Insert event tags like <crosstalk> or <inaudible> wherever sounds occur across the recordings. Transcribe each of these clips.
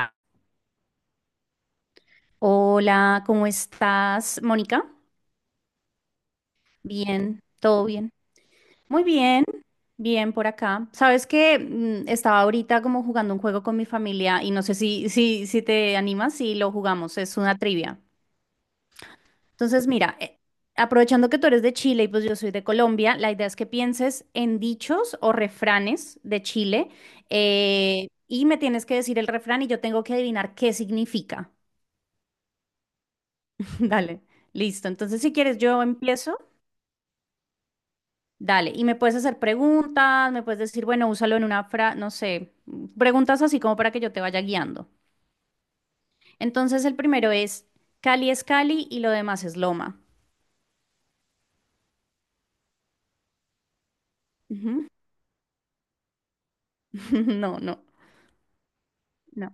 Va. Hola, ¿cómo estás, Mónica? Bien, todo bien. Muy bien, bien por acá. Sabes que estaba ahorita como jugando un juego con mi familia y no sé si te animas si lo jugamos, es una trivia. Entonces, mira, aprovechando que tú eres de Chile y pues yo soy de Colombia, la idea es que pienses en dichos o refranes de Chile y me tienes que decir el refrán y yo tengo que adivinar qué significa. <laughs> Dale, listo. Entonces, si quieres, yo empiezo. Dale, y me puedes hacer preguntas, me puedes decir, bueno, úsalo en una frase, no sé, preguntas así como para que yo te vaya guiando. Entonces, el primero es Cali y lo demás es Loma. Ujú. <laughs> No, no, no.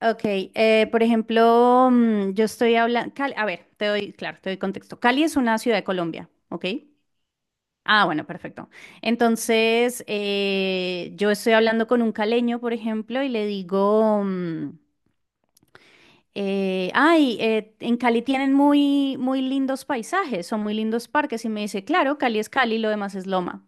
Ok, por ejemplo, yo estoy hablando, a ver, te doy, claro, te doy contexto. Cali es una ciudad de Colombia, ¿ok? Ah, bueno, perfecto. Entonces, yo estoy hablando con un caleño, por ejemplo, y le digo... en Cali tienen muy, muy lindos paisajes, son muy lindos parques. Y me dice, claro, Cali es Cali, lo demás es Loma.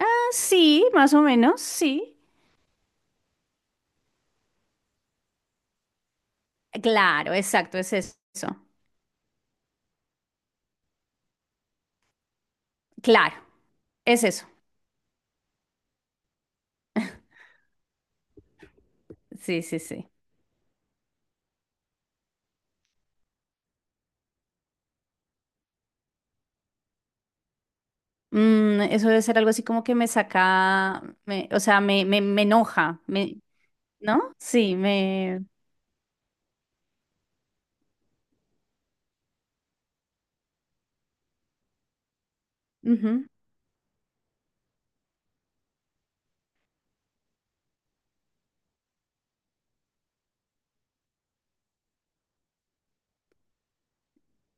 Ah, sí, más o menos, sí. Claro, exacto, es eso. Claro, es eso. Sí, sí, sí. Mm, eso debe ser algo así como que me saca, o sea, me enoja, ¿no? Sí, me... ujú,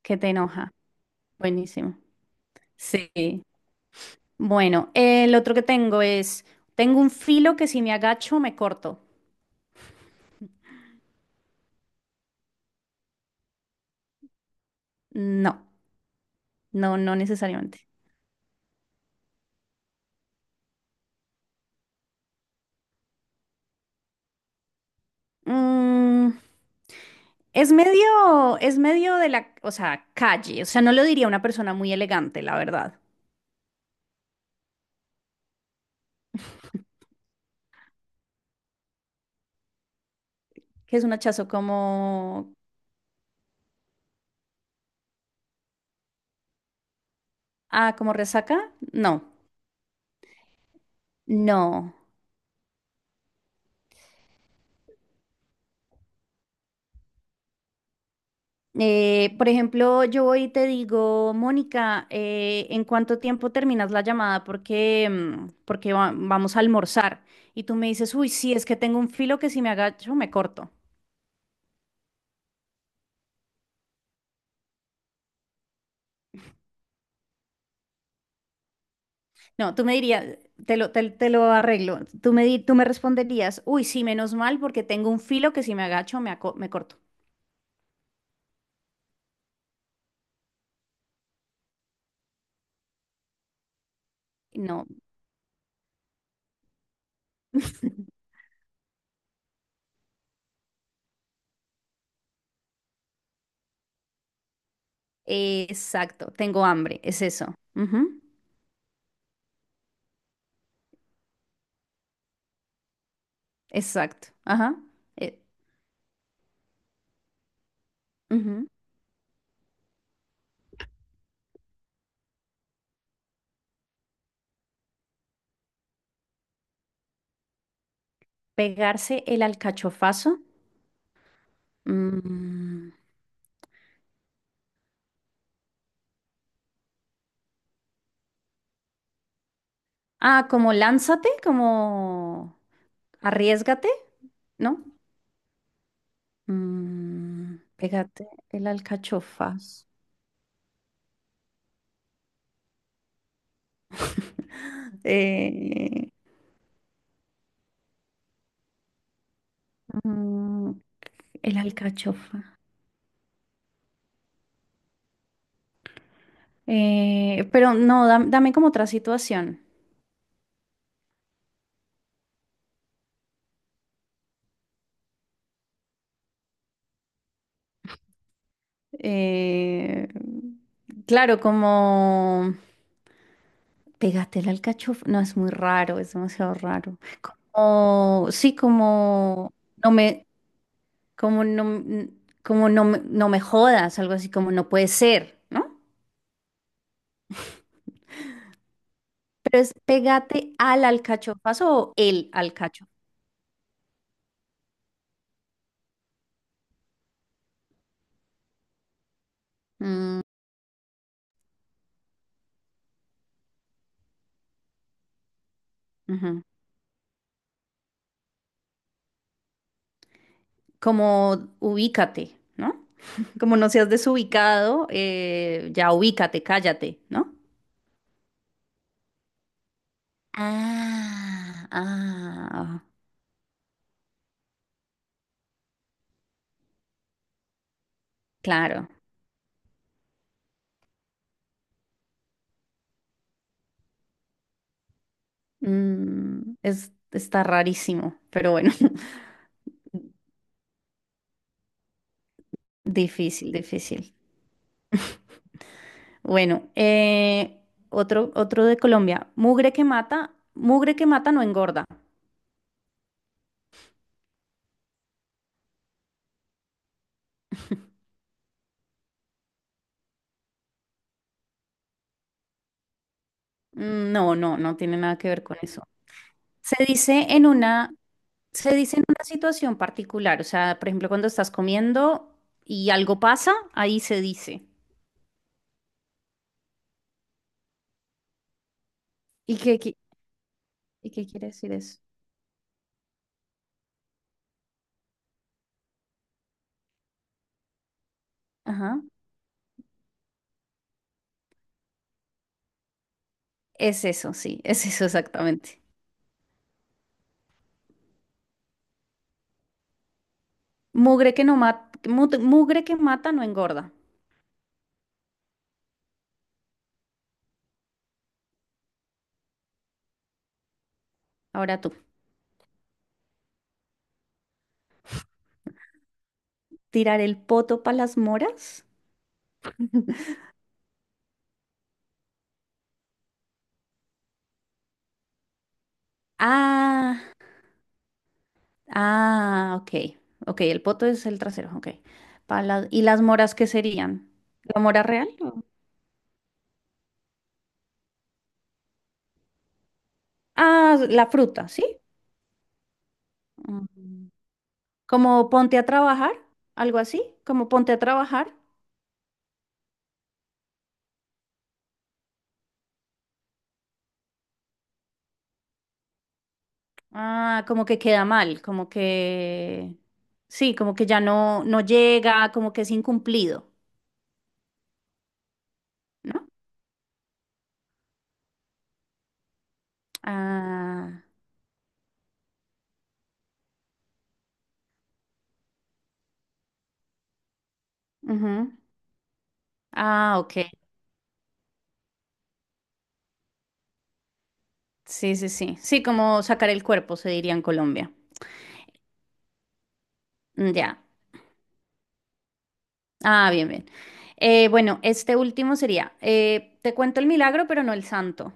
que te enoja. Buenísimo. Sí. Bueno, el otro que tengo es, tengo un filo que si me agacho me corto. No, no, no necesariamente. Mm, es medio de la, o sea, calle. O sea, no lo diría una persona muy elegante, la verdad. ¿Qué es un hachazo como, ah, como resaca? No, no. Por ejemplo, yo voy y te digo, Mónica, ¿en cuánto tiempo terminas la llamada? Porque, porque vamos a almorzar. Y tú me dices, uy, sí, es que tengo un filo que si me agacho me corto. No, tú me dirías, te lo arreglo. Tú me responderías, uy, sí, menos mal, porque tengo un filo que si me agacho me, me corto. No. <laughs> Exacto, tengo hambre, es eso. Ujú, exacto, ajá. eh, ujú. Pegarse el alcachofazo. Mm, ah, como lánzate, como arriesgate, ¿no? Mm, pégate el alcachofazo. <laughs> Eh, Mm, el alcachofa. Pero no, dame como otra situación. Eh, claro, como pégate el alcachofa. No, es muy raro, es demasiado raro. O sí, no me, como no, como no, no me jodas, algo así como no puede ser, ¿no? Pero es pégate al alcachofazo o el alcachofa. Mm, ujú. Como ubícate, ¿no? <laughs> Como no seas desubicado, ya ubícate, cállate, ¿no? Ah, ah, claro. Mm, es, está rarísimo, pero bueno, <laughs> difícil, difícil. <laughs> Bueno, otro, otro de Colombia. Mugre que mata no engorda. Mm, no, no, no tiene nada que ver con eso. Se dice en una, se dice en una situación particular, o sea, por ejemplo, cuando estás comiendo y algo pasa, ahí se dice. ¿Y qué, y qué quiere decir eso? Ajá. Es eso, sí, <laughs> es eso exactamente. Mugre que no mata, mugre que mata no engorda. Ahora tú. ¿Tirar el poto para las moras? Ah, ah, ok. Ok, el poto es el trasero, ok. ¿Y las moras qué serían? ¿La mora real? O, ah, la fruta, ¿sí? Mm. Como ponte a trabajar, algo así, como ponte a trabajar. Ah, como que queda mal, como que sí, como que ya no, no llega, como que es incumplido, ¿no? Ah, ujú. Ah, ok. Sí, sí, sí. Sí, como sacar el cuerpo, se diría en Colombia. Mm, ya. Ah, bien, bien. Bueno, este último sería, te cuento el milagro, pero no el santo.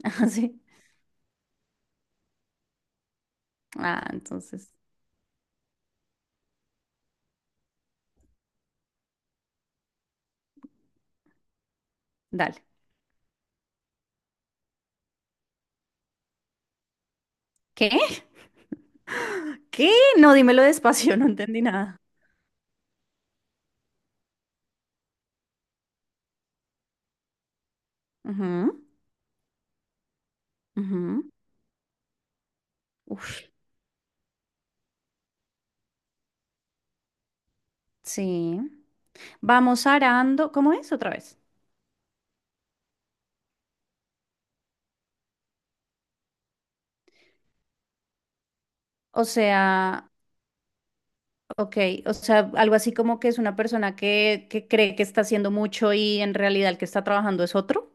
<laughs> Así. Ah, entonces, dale. ¿Qué? ¿Qué? No, dímelo despacio, <laughs> no entendí nada. Ujú, ujú. Uf, sí. Vamos arando. ¿Cómo es otra vez? O sea, ok, o sea, algo así como que es una persona que cree que está haciendo mucho y en realidad el que está trabajando es otro.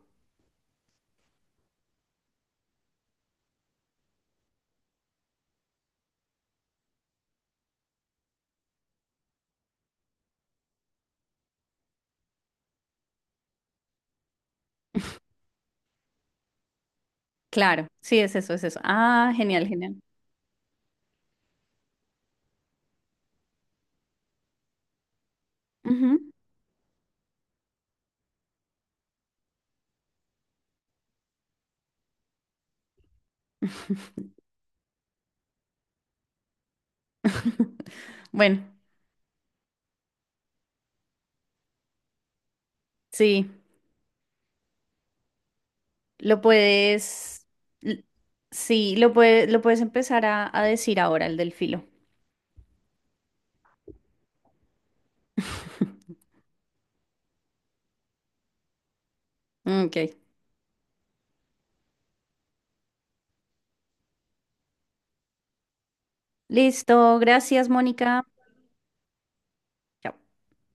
Claro, sí, es eso, es eso. Ah, genial, genial. Ujú. <laughs> Bueno, sí, lo puedes, l- sí, lo puedes empezar a decir ahora, el del filo. <laughs> Ok. Listo, gracias, Mónica. Chao.